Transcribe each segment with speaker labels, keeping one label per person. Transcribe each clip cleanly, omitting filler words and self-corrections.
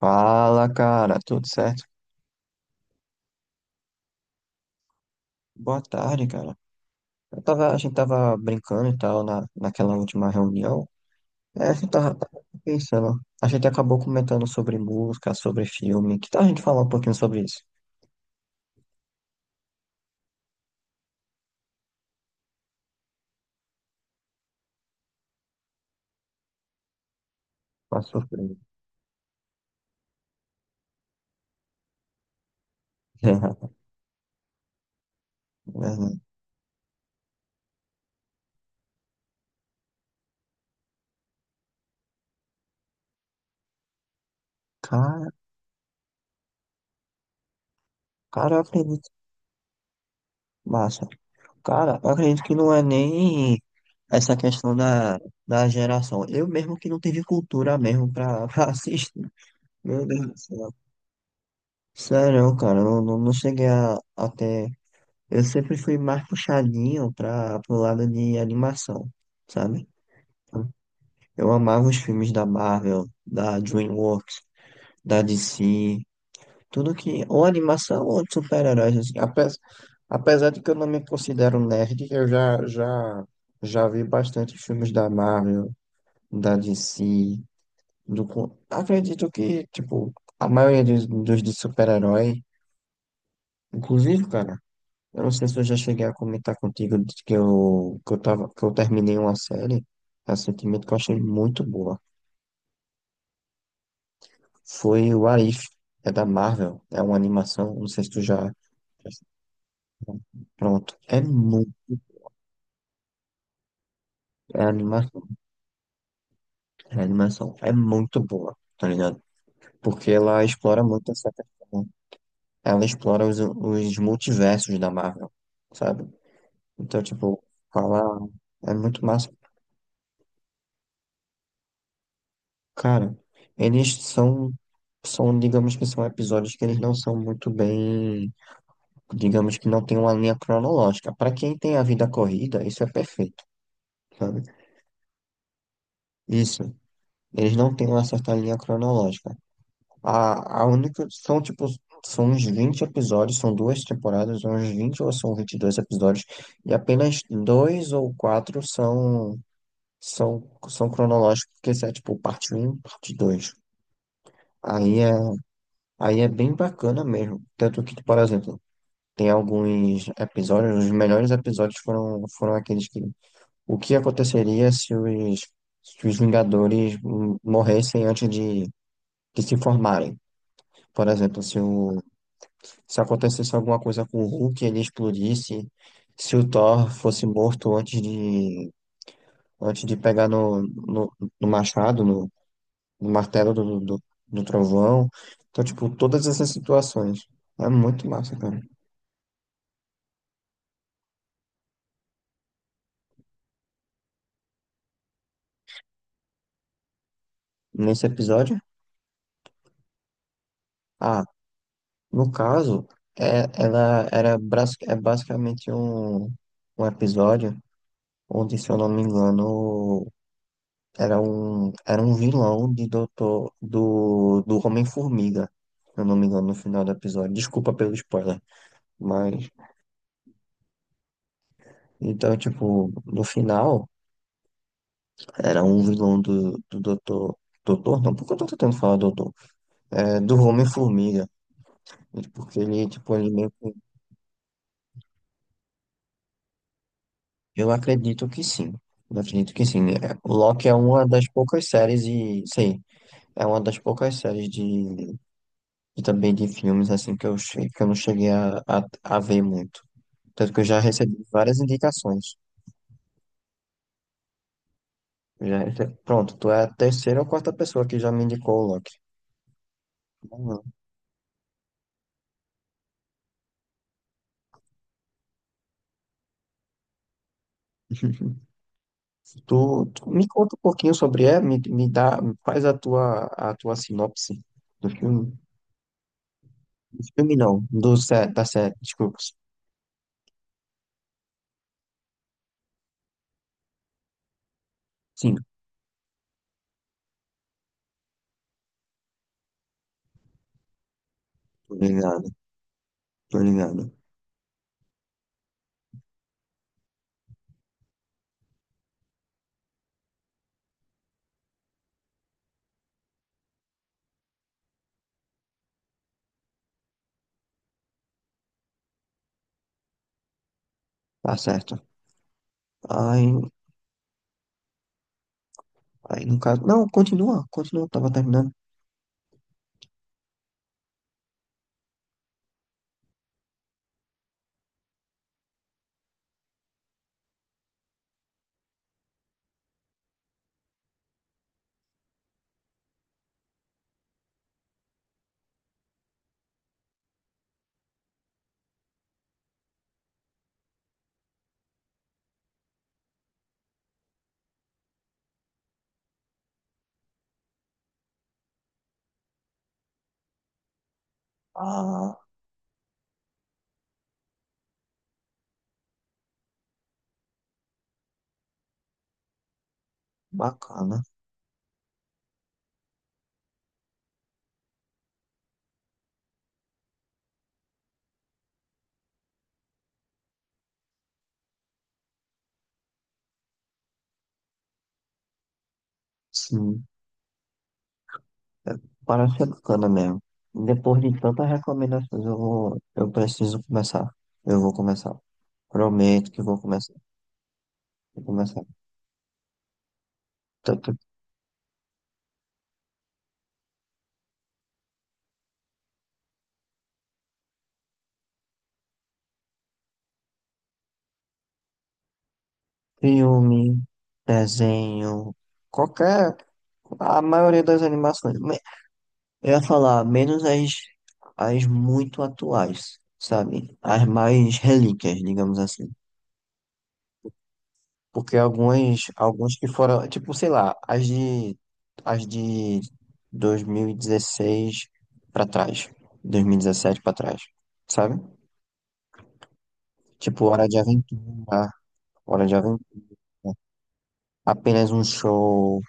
Speaker 1: Fala, cara, tudo certo? Boa tarde, cara. Eu tava, a gente tava brincando e tal naquela última reunião. A gente tava pensando. A gente acabou comentando sobre música, sobre filme. Que tal a gente falar um pouquinho sobre isso? Uma surpresa. É, né? Cara, cara, eu acredito. Massa. Cara, eu acredito que não é nem essa questão da geração. Eu mesmo que não tive cultura mesmo pra, pra assistir. Meu Deus do céu. Sério, cara, eu não, não cheguei a ter. Eu sempre fui mais puxadinho para pro lado de animação, sabe? Então, eu amava os filmes da Marvel, da DreamWorks, da DC, tudo que ou animação ou de super-heróis assim. Apesar de que eu não me considero nerd, eu já vi bastante filmes da Marvel, da DC, acredito que tipo a maioria dos de super-herói, inclusive, cara. Eu não sei se eu já cheguei a comentar contigo de que que eu tava, que eu terminei uma série recentemente que eu achei muito boa. Foi o Arif, é da Marvel, é uma animação, não sei se tu já. Pronto, é muito. É animação, é animação, é muito boa, tá ligado? Porque ela explora muito essa questão. Ela explora os multiversos da Marvel, sabe? Então, tipo, fala. É muito massa. Cara, eles são, são, digamos que são episódios que eles não são muito bem, digamos que não tem uma linha cronológica. Para quem tem a vida corrida, isso é perfeito, sabe? Isso, eles não têm uma certa linha cronológica. A única, são tipo, são uns 20 episódios, são duas temporadas, são uns 20 ou são 22 episódios, e apenas dois ou quatro são, são cronológicos, porque isso é tipo parte um parte dois. Aí é Aí é bem bacana mesmo. Tanto que, por exemplo, tem alguns episódios, os melhores episódios foram aqueles que. O que aconteceria se os Vingadores morressem antes de se formarem? Por exemplo, se acontecesse alguma coisa com o Hulk, ele explodisse, se o Thor fosse morto antes de pegar no, no machado, no martelo do trovão. Então, tipo, todas essas situações. É muito massa, cara. Nesse episódio? Ah, no caso, é, é basicamente um episódio onde, se eu não me engano, era um vilão de doutor, do Homem-Formiga, se eu não me engano, no final do episódio. Desculpa pelo spoiler, mas. Então, tipo, no final, era um vilão do doutor. Doutor? Não, porque eu tô tentando falar doutor. É, do Homem-Formiga. Porque ele, tipo, ele meio que. Eu acredito que sim. Eu acredito que sim. É, o Loki é uma das poucas séries e, sei, é uma das poucas séries de, e também de filmes assim que que eu não cheguei a ver muito. Tanto que eu já recebi várias indicações. Pronto, tu é a terceira ou quarta pessoa que já me indicou o Loki. Uhum. Tu me conta um pouquinho sobre ele, me dá, faz a tua sinopse do filme. Do filme não, do sé, da série, desculpa. Sim, tô ligado, tô ligado. Tá certo. Aí, aí no caso. Não, continua, continua, tava terminando. Ah, bacana. Sim, é, parece ser bacana mesmo. Depois de tantas recomendações, eu vou, eu preciso começar. Eu vou começar. Prometo que vou começar. Vou começar. Tanto filme, desenho, qualquer. A maioria das animações. Me- eu ia falar, menos as muito atuais, sabe? As mais relíquias, digamos assim. Porque algumas, alguns que foram, tipo, sei lá, as de 2016 pra trás, 2017 pra trás, sabe? Tipo, Hora de Aventura, Apenas um Show,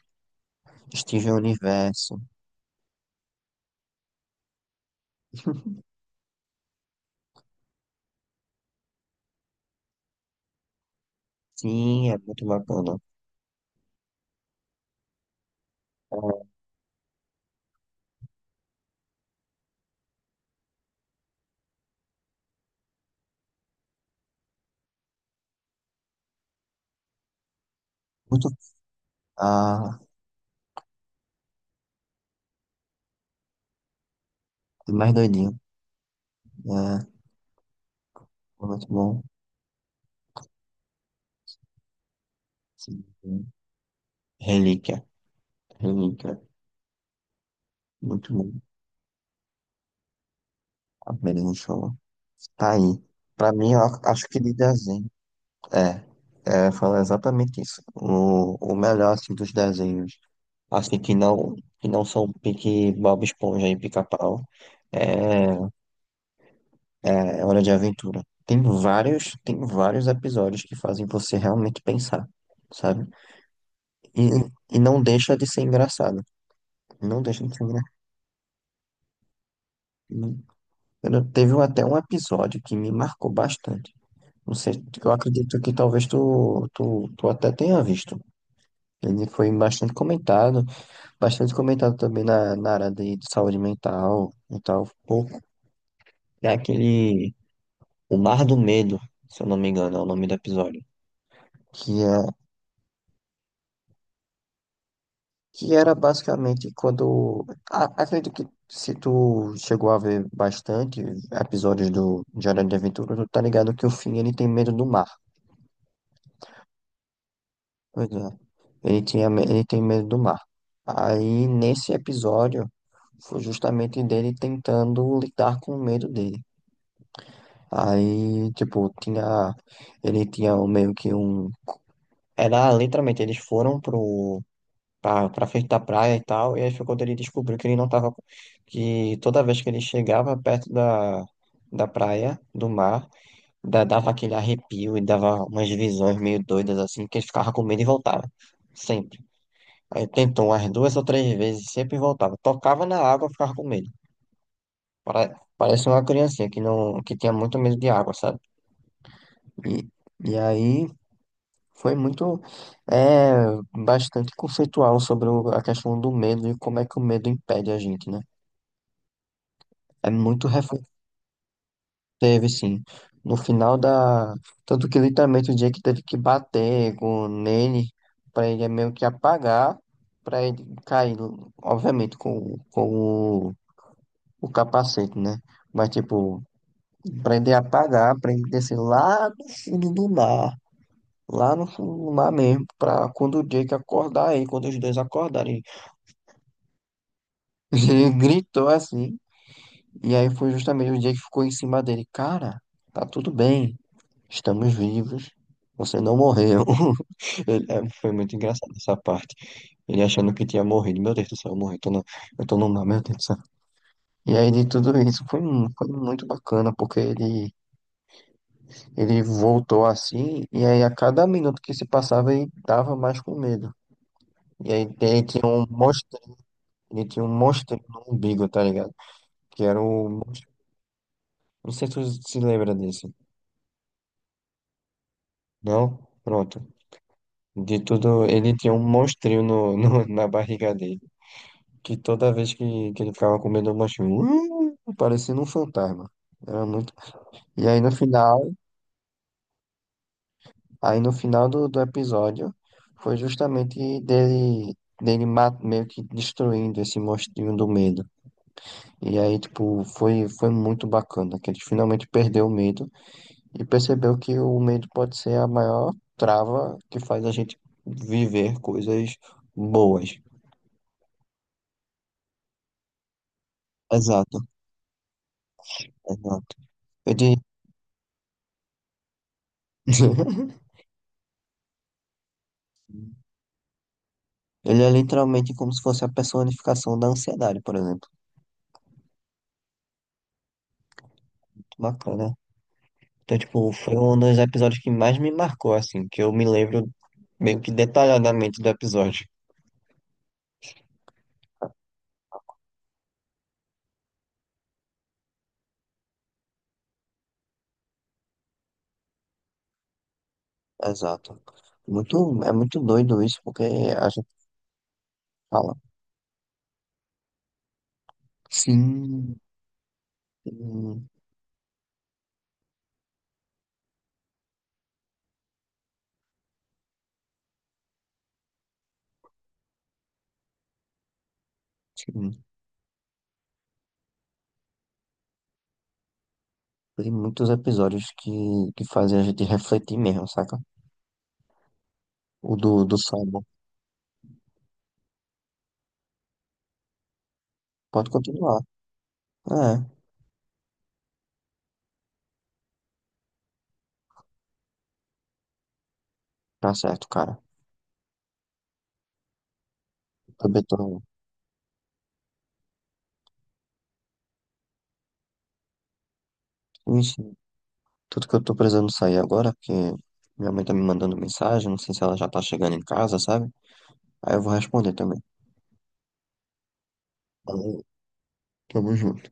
Speaker 1: Steven Universo. Sim, é muito bacana. É muito, ah, é mais doidinho, né? É, muito bom. Sim, sim. Relíquia, Relíquia, muito bom. A Berlim Show. Tá aí. Pra mim, acho que de desenho. É, é, fala exatamente isso. O melhor, assim, dos desenhos, assim, que não são pique Bob Esponja e Pica-Pau, é, é Hora de Aventura. Tem vários episódios que fazem você realmente pensar, sabe? E, e não deixa de ser engraçado. Não deixa de ser engraçado. Teve até um episódio que me marcou bastante. Não sei, eu acredito que talvez tu até tenha visto. Ele foi bastante comentado também na área de saúde mental e tal. Pô, é aquele O Mar do Medo, se eu não me engano, é o nome do episódio. Que, é, que era basicamente quando. Acredito que se tu chegou a ver bastante episódios do Diário de Aventura, tu tá ligado que o Finn ele tem medo do mar. Pois é, ele tem medo do mar. Aí nesse episódio. Foi justamente dele tentando lidar com o medo dele. Aí, tipo, tinha. Ele tinha um- meio que um. Era literalmente, eles foram pro. Pra frente da praia e tal, e aí foi quando ele descobriu que ele não tava. Que toda vez que ele chegava perto da praia, do mar, dava aquele arrepio e dava umas visões meio doidas assim, que ele ficava com medo e voltava. Sempre. Aí tentou umas duas ou três vezes, sempre voltava. Tocava na água, ficava com medo. Parece uma criancinha que não, que tinha muito medo de água, sabe? E, e aí foi muito, é, bastante conceitual sobre a questão do medo e como é que o medo impede a gente, né? É muito reflexivo, teve, sim. No final da, tanto que literalmente o dia que teve que bater com nele para ele meio que apagar, para ele cair, obviamente com o capacete, né? Mas tipo. Aprender a pagar, aprender a descer lá no fundo do mar, lá no fundo do mar mesmo, pra quando o Jake acordar aí, quando os dois acordarem. Ele gritou assim, e aí foi justamente o Jake que ficou em cima dele. Cara, tá tudo bem, estamos vivos, você não morreu. Foi muito engraçado essa parte. Ele achando que tinha morrido, meu Deus do céu, eu morri, tô no, eu tô no mar, meu Deus do céu. E aí de tudo isso foi, foi muito bacana, porque ele. Ele voltou assim, e aí a cada minuto que se passava ele tava mais com medo. E aí ele tinha um monstro no umbigo, tá ligado? Que era o. Não sei se tu se lembra disso. Não? Pronto. De tudo, ele tinha um monstrinho na barriga dele. Que toda vez que ele ficava com medo do monstrinho, parecendo um fantasma. Era muito. E aí no final. Aí no final do episódio foi justamente dele meio que destruindo esse monstrinho do medo. E aí, tipo, foi muito bacana, que ele finalmente perdeu o medo e percebeu que o medo pode ser a maior trava que faz a gente viver coisas boas. Exato, exato. Ele, ele é literalmente como se fosse a personificação da ansiedade, por exemplo. Bacana. Então, tipo, foi um dos episódios que mais me marcou, assim, que eu me lembro meio que detalhadamente do episódio. Exato. Muito, é muito doido isso, porque a gente fala. Sim, sim, sim. Tem muitos episódios que fazem a gente refletir mesmo, saca? O do Sabo. Pode continuar. É, tá certo, cara. Também tô. Ixi, tudo que eu tô precisando sair agora, porque minha mãe tá me mandando mensagem, não sei se ela já tá chegando em casa, sabe? Aí eu vou responder também. Valeu. Tamo junto.